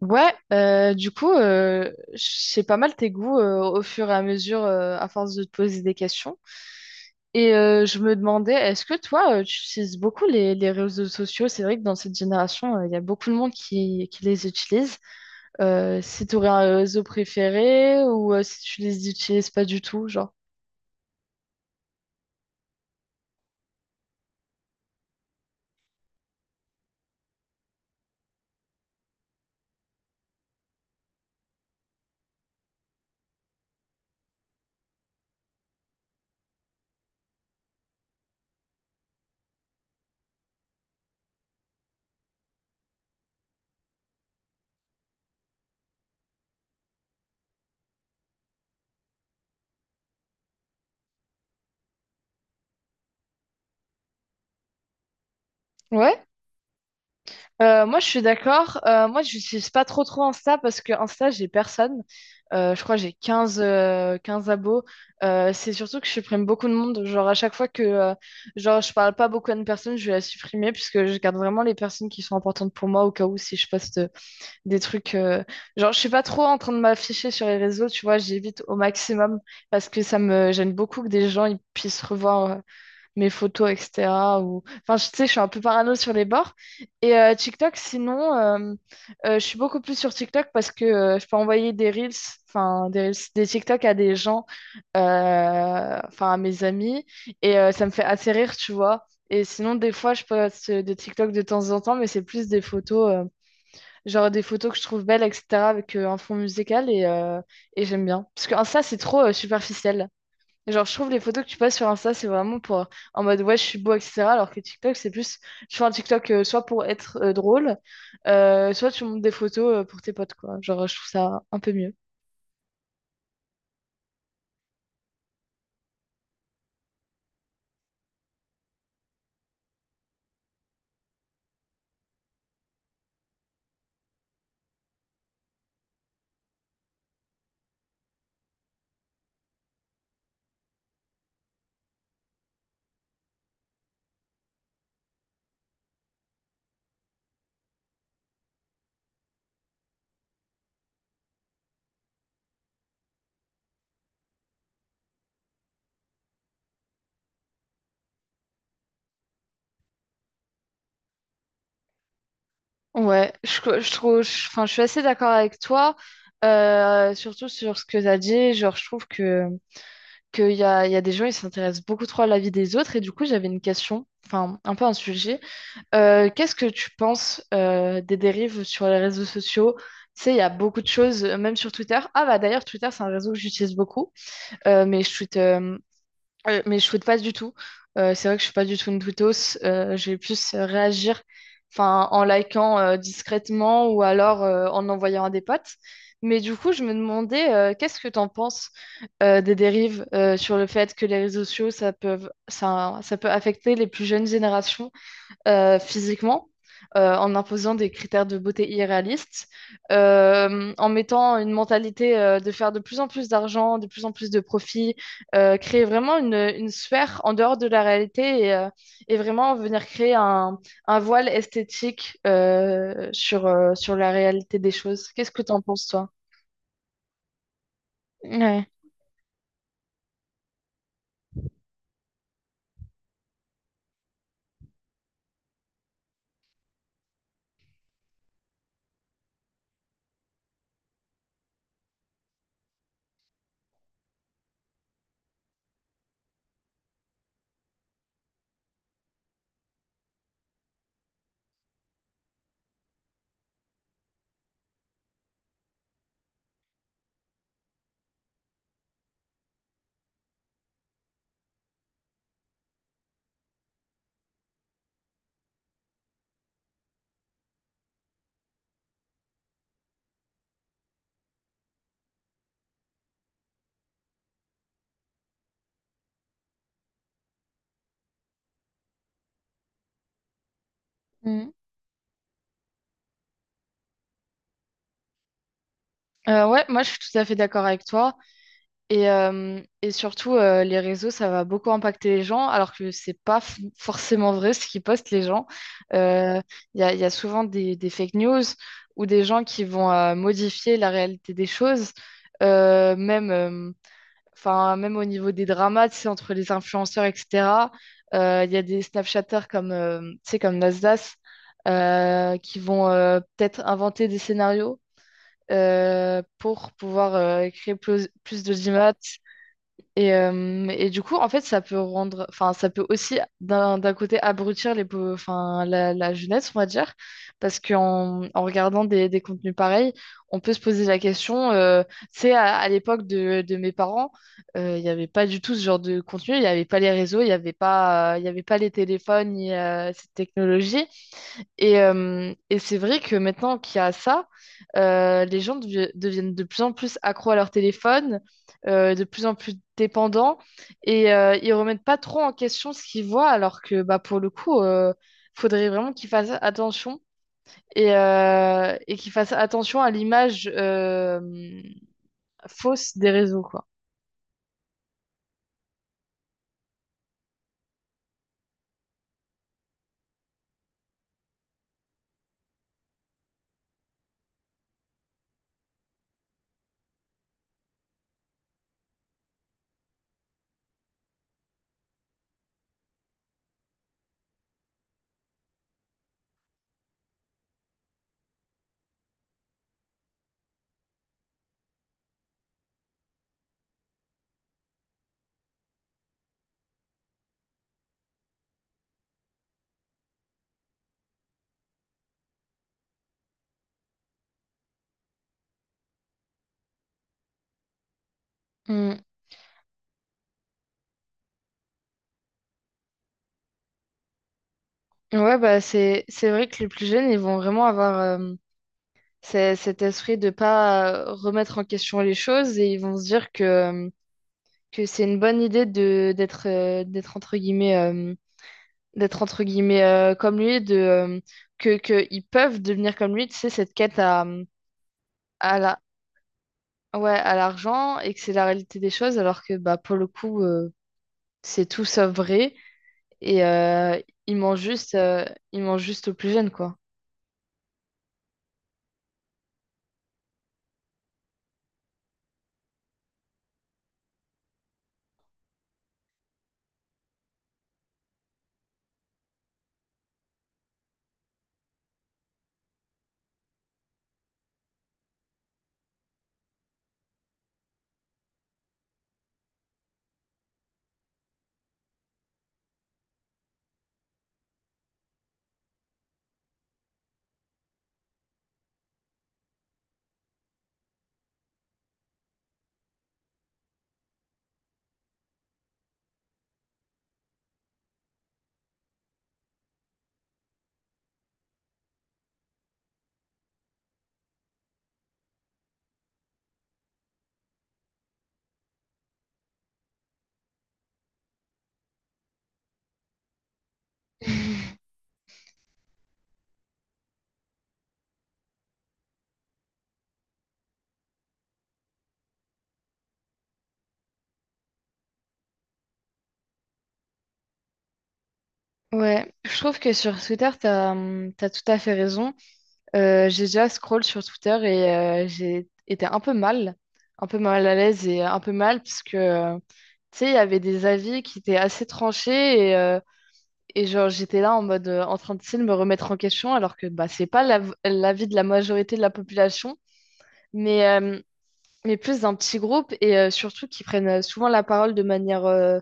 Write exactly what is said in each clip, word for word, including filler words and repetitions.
Ouais, euh, du coup, euh, je sais pas mal tes goûts euh, au fur et à mesure, euh, à force de te poser des questions. Et euh, je me demandais, est-ce que toi, euh, tu utilises beaucoup les, les réseaux sociaux? C'est vrai que dans cette génération, euh, il y a beaucoup de monde qui, qui les utilise. Euh, si tu aurais un réseau préféré ou euh, si tu les utilises pas du tout, genre. Ouais. Euh, moi je suis d'accord. Euh, moi, j'utilise pas trop trop Insta parce que Insta, j'ai personne. Euh, je crois que j'ai quinze, euh, quinze abos. Euh, c'est surtout que je supprime beaucoup de monde. Genre, à chaque fois que euh, genre, je parle pas beaucoup à une personne, je vais la supprimer puisque je garde vraiment les personnes qui sont importantes pour moi au cas où si je poste euh, des trucs. euh, Genre, je suis pas trop en train de m'afficher sur les réseaux, tu vois, j'évite au maximum parce que ça me gêne beaucoup que des gens ils puissent revoir mes photos, et cetera. Ou... Enfin, je- tu sais, je suis un peu parano sur les bords. Et euh, TikTok, sinon, euh, euh, je suis beaucoup plus sur TikTok parce que euh, je peux envoyer des reels, enfin, des reels, des TikTok à des gens, euh, enfin, à mes amis. Et euh, ça me fait assez rire, tu vois. Et sinon, des fois, je poste des TikTok de temps en temps, mais c'est plus des photos, euh, genre des photos que je trouve belles, et cetera, avec euh, un fond musical et, euh, et j'aime bien. Parce que ah, ça, c'est trop euh, superficiel. Genre, je trouve les photos que tu passes sur Insta, c'est vraiment pour euh, en mode ouais, je suis beau, et cetera. Alors que TikTok, c'est plus tu fais un TikTok euh, soit pour être euh, drôle, euh, soit tu montes des photos euh, pour tes potes, quoi. Genre, je trouve ça un peu mieux. Ouais, je, co- je trouve, je- enfin, je suis assez d'accord avec toi, euh, surtout sur ce que tu as dit. Genre, je trouve que. Qu'il y a, il y a des gens, ils s'intéressent beaucoup trop à la vie des autres. Et du coup, j'avais une question, enfin un peu un sujet. Euh, qu'est-ce que tu penses euh, des dérives sur les réseaux sociaux? Tu sais, il y a beaucoup de choses, euh, même sur Twitter. Ah bah d'ailleurs, Twitter, c'est un réseau que j'utilise beaucoup. Euh, mais je tweete euh, euh, mais je shoote pas du tout. Euh, c'est vrai que je suis pas du tout une tweetos. Euh, je vais plus euh, réagir enfin, en likant euh, discrètement ou alors euh, en envoyant à des potes. Mais du coup, je me demandais, euh, qu'est-ce que tu en penses euh, des dérives euh, sur le fait que les réseaux sociaux, ça peut, ça, ça peut affecter les plus jeunes générations euh, physiquement, euh, en imposant des critères de beauté irréalistes, euh, en mettant une mentalité euh, de faire de plus en plus d'argent, de plus en plus de profits, euh, créer vraiment une, une sphère en dehors de la réalité et, euh, et vraiment venir créer un, un voile esthétique euh, sur, euh, sur la réalité des choses. Qu'est-ce que tu en penses, toi? Ouais. Mm. Euh, ouais, moi je suis tout à fait d'accord avec toi. Et, euh, et surtout, euh, les réseaux, ça va beaucoup impacter les gens, alors que c'est pas f- forcément vrai ce qu'ils postent les gens. Euh, Il y a, il y a souvent des, des fake news ou des gens qui vont euh, modifier la réalité des choses. Euh, même, euh, enfin, même au niveau des dramas, tu sais, entre les influenceurs, et cetera. Euh, il y a des Snapchatters comme, euh, tu sais, comme Nasdaq euh, qui vont euh, peut-être inventer des scénarios euh, pour pouvoir euh, créer plus, plus d'audimat et, euh, et du coup, en fait, ça peut rendre, enfin, ça peut aussi d'un d'un côté abrutir les, peu- enfin, la, la jeunesse, on va dire, parce qu'en en regardant des, des contenus pareils, on peut se poser la question. euh, C'est à, à l'époque de, de mes parents, euh, il n'y avait pas du tout ce genre de contenu, il n'y avait pas les réseaux, il n'y avait pas, euh, il y avait pas les téléphones, ni euh, cette technologie. Et, euh, et c'est vrai que maintenant qu'il y a ça, euh, les gens devi- deviennent de plus en plus accros à leur téléphone, euh, de plus en plus dépendants, et euh, ils remettent pas trop en question ce qu'ils voient, alors que bah, pour le coup, euh, faudrait vraiment qu'ils fassent attention et, euh, et qu'ils fassent attention à l'image euh, fausse des réseaux, quoi. Mm. Ouais, bah c'est c'est vrai que les plus jeunes, ils vont vraiment avoir c'est cet esprit de pas euh, remettre en question les choses et ils vont se dire que, euh, que c'est une bonne idée de d'être euh, d'être entre guillemets euh, d'être entre guillemets euh, comme lui de euh, que que ils peuvent devenir comme lui tu sais cette quête à euh, à la ouais à l'argent et que c'est la réalité des choses alors que bah pour le coup euh, c'est tout sauf vrai et euh, ils mangent juste euh, ils mangent juste aux plus jeunes quoi. Ouais, je trouve que sur Twitter, t'as, hum, t'as tout à fait raison. Euh, j'ai déjà scroll sur Twitter et euh, j'ai été un peu mal, un peu mal à l'aise et un peu mal parce que, euh, tu sais, il y avait des avis qui étaient assez tranchés et, euh, et genre j'étais là en mode euh, en train de, tu sais, de me remettre en question alors que bah, c'est pas l'av- l'avis de la majorité de la population, mais, euh, mais plus d'un petit groupe et euh, surtout qui prennent euh, souvent la parole de manière euh,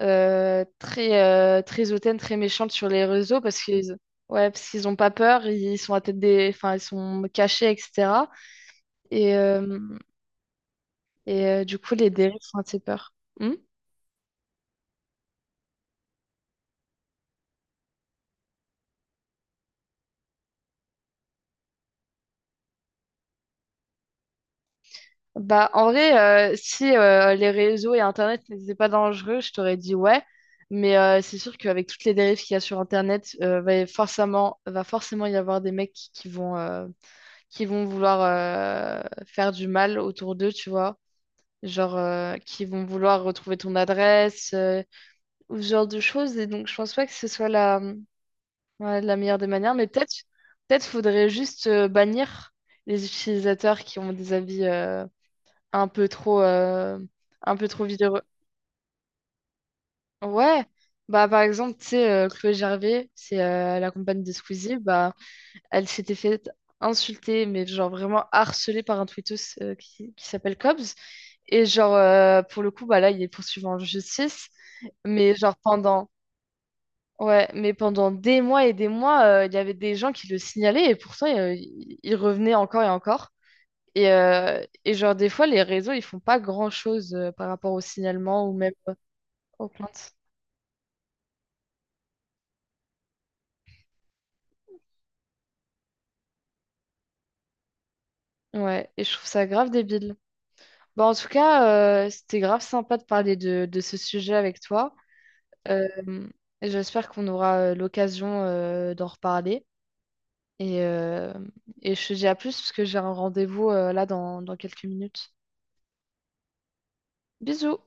euh, très, euh, très hautaine, très méchante sur les réseaux parce qu'ils... Ouais, parce qu'ils n'ont pas peur, ils sont à tête des... enfin, ils sont cachés, et cetera. Et, euh, et euh, du coup, les dérives font assez peur. Hmm. Bah, en vrai, euh, si euh, les réseaux et Internet n'étaient pas dangereux, je t'aurais dit ouais. Mais euh, c'est sûr qu'avec toutes les dérives qu'il y a sur Internet, euh, va y- forcément, va forcément y avoir des mecs qui, qui vont, euh, qui vont vouloir euh, faire du mal autour d'eux, tu vois. Genre, euh, qui vont vouloir retrouver ton adresse, euh, ou ce genre de choses. Et donc, je pense pas que ce soit la, ouais, de la meilleure des manières, mais peut-être peut-être faudrait juste euh, bannir les utilisateurs qui ont des avis euh, un peu trop euh, un peu trop véreux. Ouais. Bah par exemple, tu sais euh, Chloé Gervais, c'est euh, la compagne de Squeezie, bah elle s'était fait insulter mais genre vraiment harcelée par un tweetos euh, qui, qui s'appelle Cobbs et genre euh, pour le coup bah là il est poursuivi en justice mais genre pendant. Ouais, mais pendant des mois et des mois, euh, il y avait des gens qui le signalaient et pourtant euh, ils ils revenaient encore et encore. Et, euh, et genre des fois, les réseaux, ils font pas grand-chose euh, par rapport au signalement ou même euh, aux plaintes. Ouais, et je trouve ça grave débile. Bon, en tout cas, euh, c'était grave sympa de parler de, de ce sujet avec toi. Euh, et j'espère qu'on aura euh, l'occasion euh, d'en reparler. Et, euh, et je te dis à plus parce que j'ai un rendez-vous euh, là dans, dans quelques minutes. Bisous!